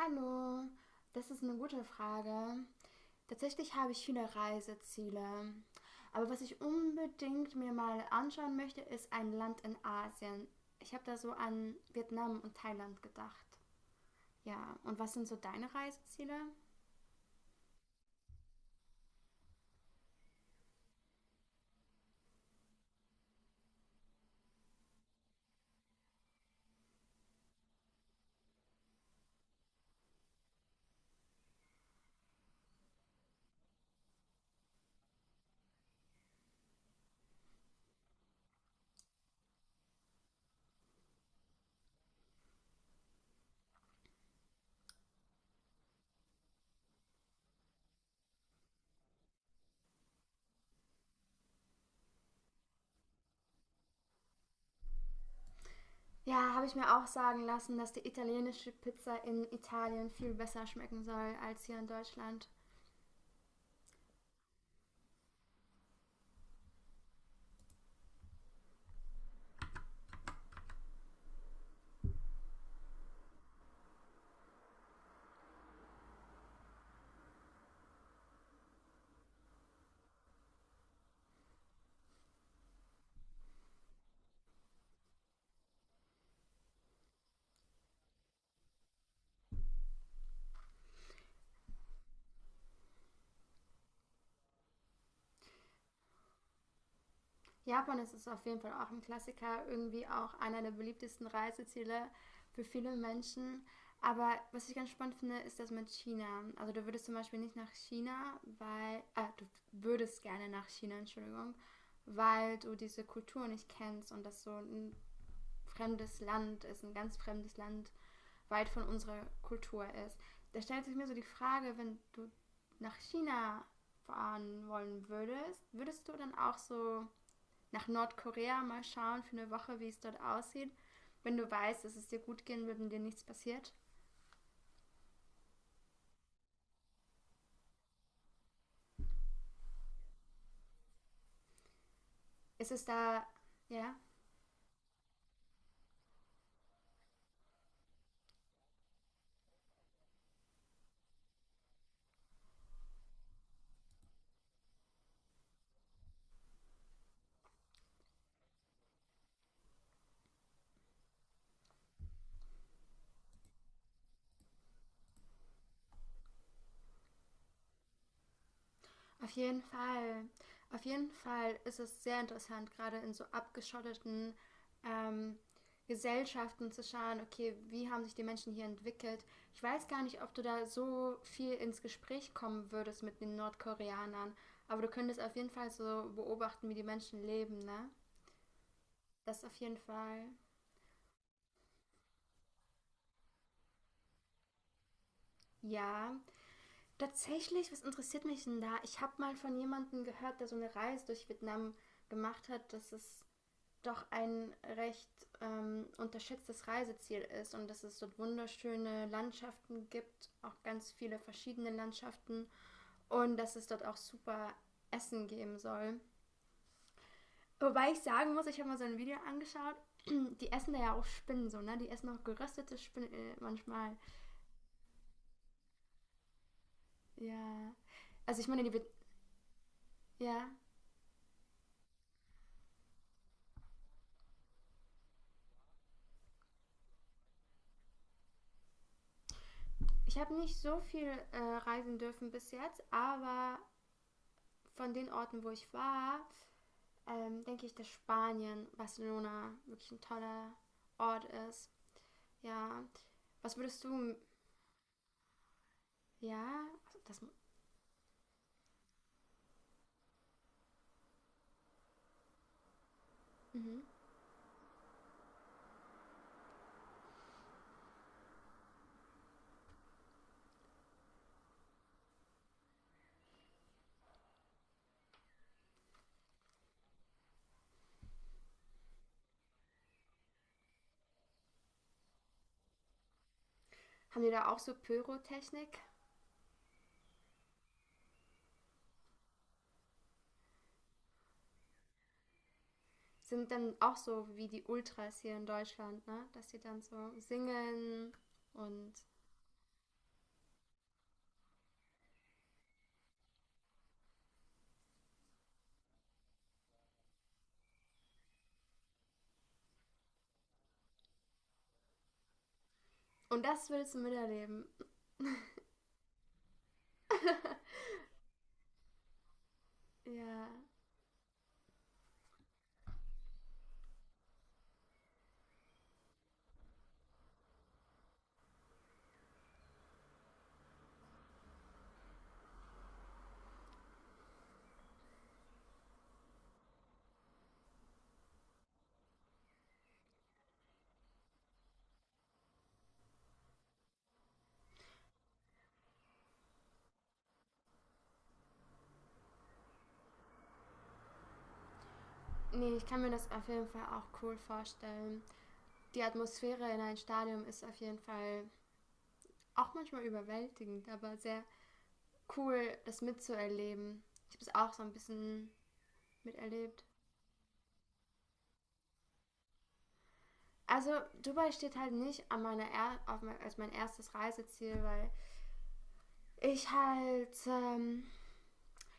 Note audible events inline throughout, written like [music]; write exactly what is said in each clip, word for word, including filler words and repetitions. Hallo, das ist eine gute Frage. Tatsächlich habe ich viele Reiseziele. Aber was ich unbedingt mir mal anschauen möchte, ist ein Land in Asien. Ich habe da so an Vietnam und Thailand gedacht. Ja, und was sind so deine Reiseziele? Ja, habe ich mir auch sagen lassen, dass die italienische Pizza in Italien viel besser schmecken soll als hier in Deutschland. Japan ist es auf jeden Fall auch ein Klassiker, irgendwie auch einer der beliebtesten Reiseziele für viele Menschen. Aber was ich ganz spannend finde, ist das mit China. Also du würdest zum Beispiel nicht nach China, weil, äh, du würdest gerne nach China, Entschuldigung, weil du diese Kultur nicht kennst und das so ein fremdes Land ist, ein ganz fremdes Land, weit von unserer Kultur ist. Da stellt sich mir so die Frage, wenn du nach China fahren wollen würdest, würdest du dann auch so nach Nordkorea, mal schauen für eine Woche, wie es dort aussieht. Wenn du weißt, dass es dir gut gehen wird und dir nichts passiert. Ist es da, ja, auf jeden Fall. Auf jeden Fall ist es sehr interessant, gerade in so abgeschotteten ähm, Gesellschaften zu schauen, okay, wie haben sich die Menschen hier entwickelt. Ich weiß gar nicht, ob du da so viel ins Gespräch kommen würdest mit den Nordkoreanern, aber du könntest auf jeden Fall so beobachten, wie die Menschen leben, ne? Das auf jeden Fall. Ja, tatsächlich, was interessiert mich denn da? Ich habe mal von jemandem gehört, der so eine Reise durch Vietnam gemacht hat, dass es doch ein recht ähm, unterschätztes Reiseziel ist und dass es dort wunderschöne Landschaften gibt, auch ganz viele verschiedene Landschaften und dass es dort auch super Essen geben soll. Wobei ich sagen muss, ich habe mal so ein Video angeschaut, [clears throat] die essen da ja auch Spinnen so, ne? Die essen auch geröstete Spinnen äh, manchmal. Ja. Also ich meine, die... Be ja. Ich habe nicht so viel äh, reisen dürfen bis jetzt, aber von den Orten, wo ich war, ähm, denke ich, dass Spanien, Barcelona wirklich ein toller Ort ist. Ja. Was würdest du, ja, das, mhm. Haben die da auch so Pyrotechnik? Sind dann auch so wie die Ultras hier in Deutschland, ne? Dass die dann so singen und, und das würdest du miterleben. Ja. Nee, ich kann mir das auf jeden Fall auch cool vorstellen. Die Atmosphäre in einem Stadion ist auf jeden Fall auch manchmal überwältigend, aber sehr cool, das mitzuerleben. Ich habe es auch so ein bisschen miterlebt. Also Dubai steht halt nicht an meiner er auf mein, als mein erstes Reiseziel, weil ich halt ähm,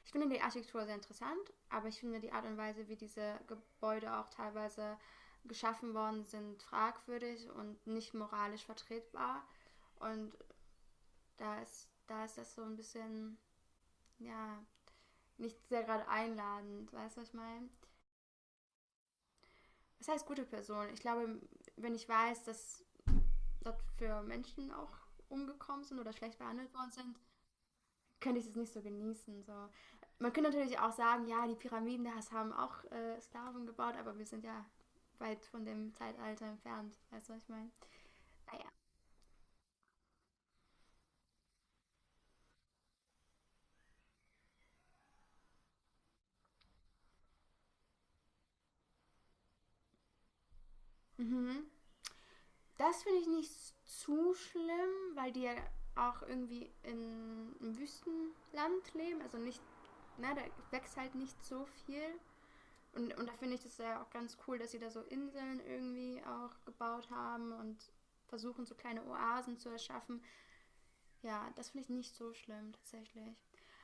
ich finde die Architektur sehr interessant, aber ich finde die Art und Weise, wie diese Gebäude auch teilweise geschaffen worden sind, fragwürdig und nicht moralisch vertretbar. Und da ist, da ist das so ein bisschen, ja, nicht sehr gerade einladend, weißt du, was ich meine? Das heißt gute Person. Ich glaube, wenn ich weiß, dass dort für Menschen auch umgekommen sind oder schlecht behandelt worden sind, könnte ich das nicht so genießen. So. Man könnte natürlich auch sagen, ja, die Pyramiden das haben auch äh, Sklaven gebaut, aber wir sind ja weit von dem Zeitalter entfernt, weißt du, was ich meine? Naja. Mhm. Das finde ich nicht zu schlimm, weil die ja auch irgendwie in einem Wüstenland leben. Also nicht, na, da wächst halt nicht so viel. Und, und da finde ich das ja auch ganz cool, dass sie da so Inseln irgendwie auch gebaut haben und versuchen, so kleine Oasen zu erschaffen. Ja, das finde ich nicht so schlimm tatsächlich.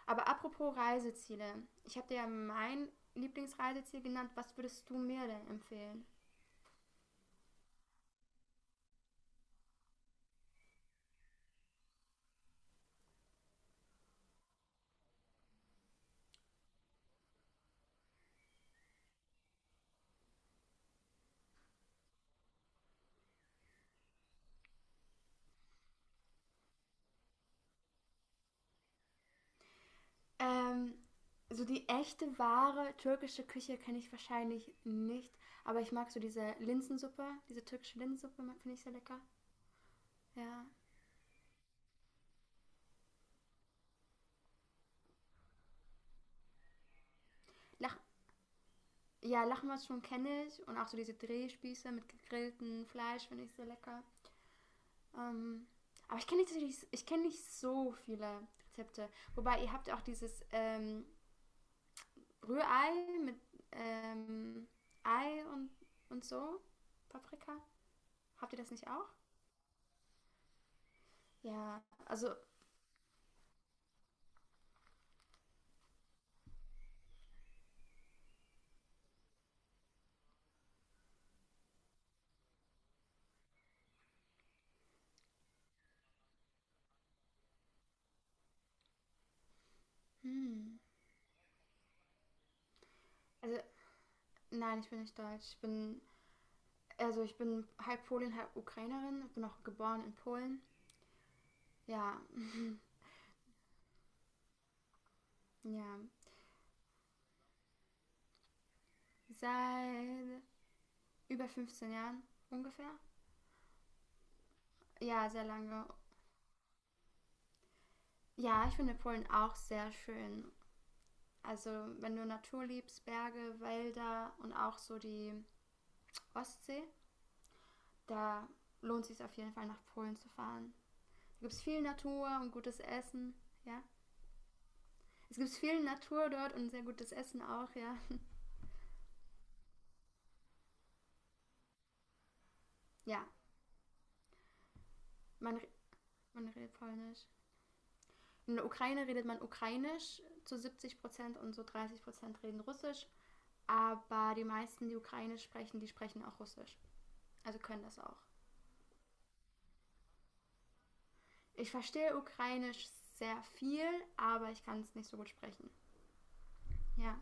Aber apropos Reiseziele. Ich habe dir ja mein Lieblingsreiseziel genannt. Was würdest du mir denn empfehlen? Ähm, so die echte, wahre türkische Küche kenne ich wahrscheinlich nicht. Aber ich mag so diese Linsensuppe, diese türkische Linsensuppe finde ich sehr lecker. Ja. Lach ja, Lachmatschum kenne ich und auch so diese Drehspieße mit gegrilltem Fleisch finde ich sehr lecker. Ähm, aber ich kenne nicht, ich kenne nicht so viele Rezepte. Wobei ihr habt ja auch dieses ähm, Rührei mit ähm, Ei und, und so, Paprika. Habt ihr das nicht auch? Ja, also hm. Also, nein, ich bin nicht deutsch. Ich bin, also ich bin halb Polin, halb Ukrainerin. Ich bin auch geboren in Polen. Ja, ja. Seit über fünfzehn Jahren ungefähr. Ja, sehr lange. Ja, ich finde Polen auch sehr schön. Also, wenn du Natur liebst, Berge, Wälder und auch so die Ostsee, da lohnt es sich auf jeden Fall nach Polen zu fahren. Da gibt es viel Natur und gutes Essen, ja. Es gibt viel Natur dort und sehr gutes Essen auch, ja. [laughs] Ja, Man, man redet Polnisch. In der Ukraine redet man Ukrainisch zu siebzig Prozent und so dreißig Prozent reden Russisch. Aber die meisten, die Ukrainisch sprechen, die sprechen auch Russisch. Also können das auch. Ich verstehe Ukrainisch sehr viel, aber ich kann es nicht so gut sprechen. Ja.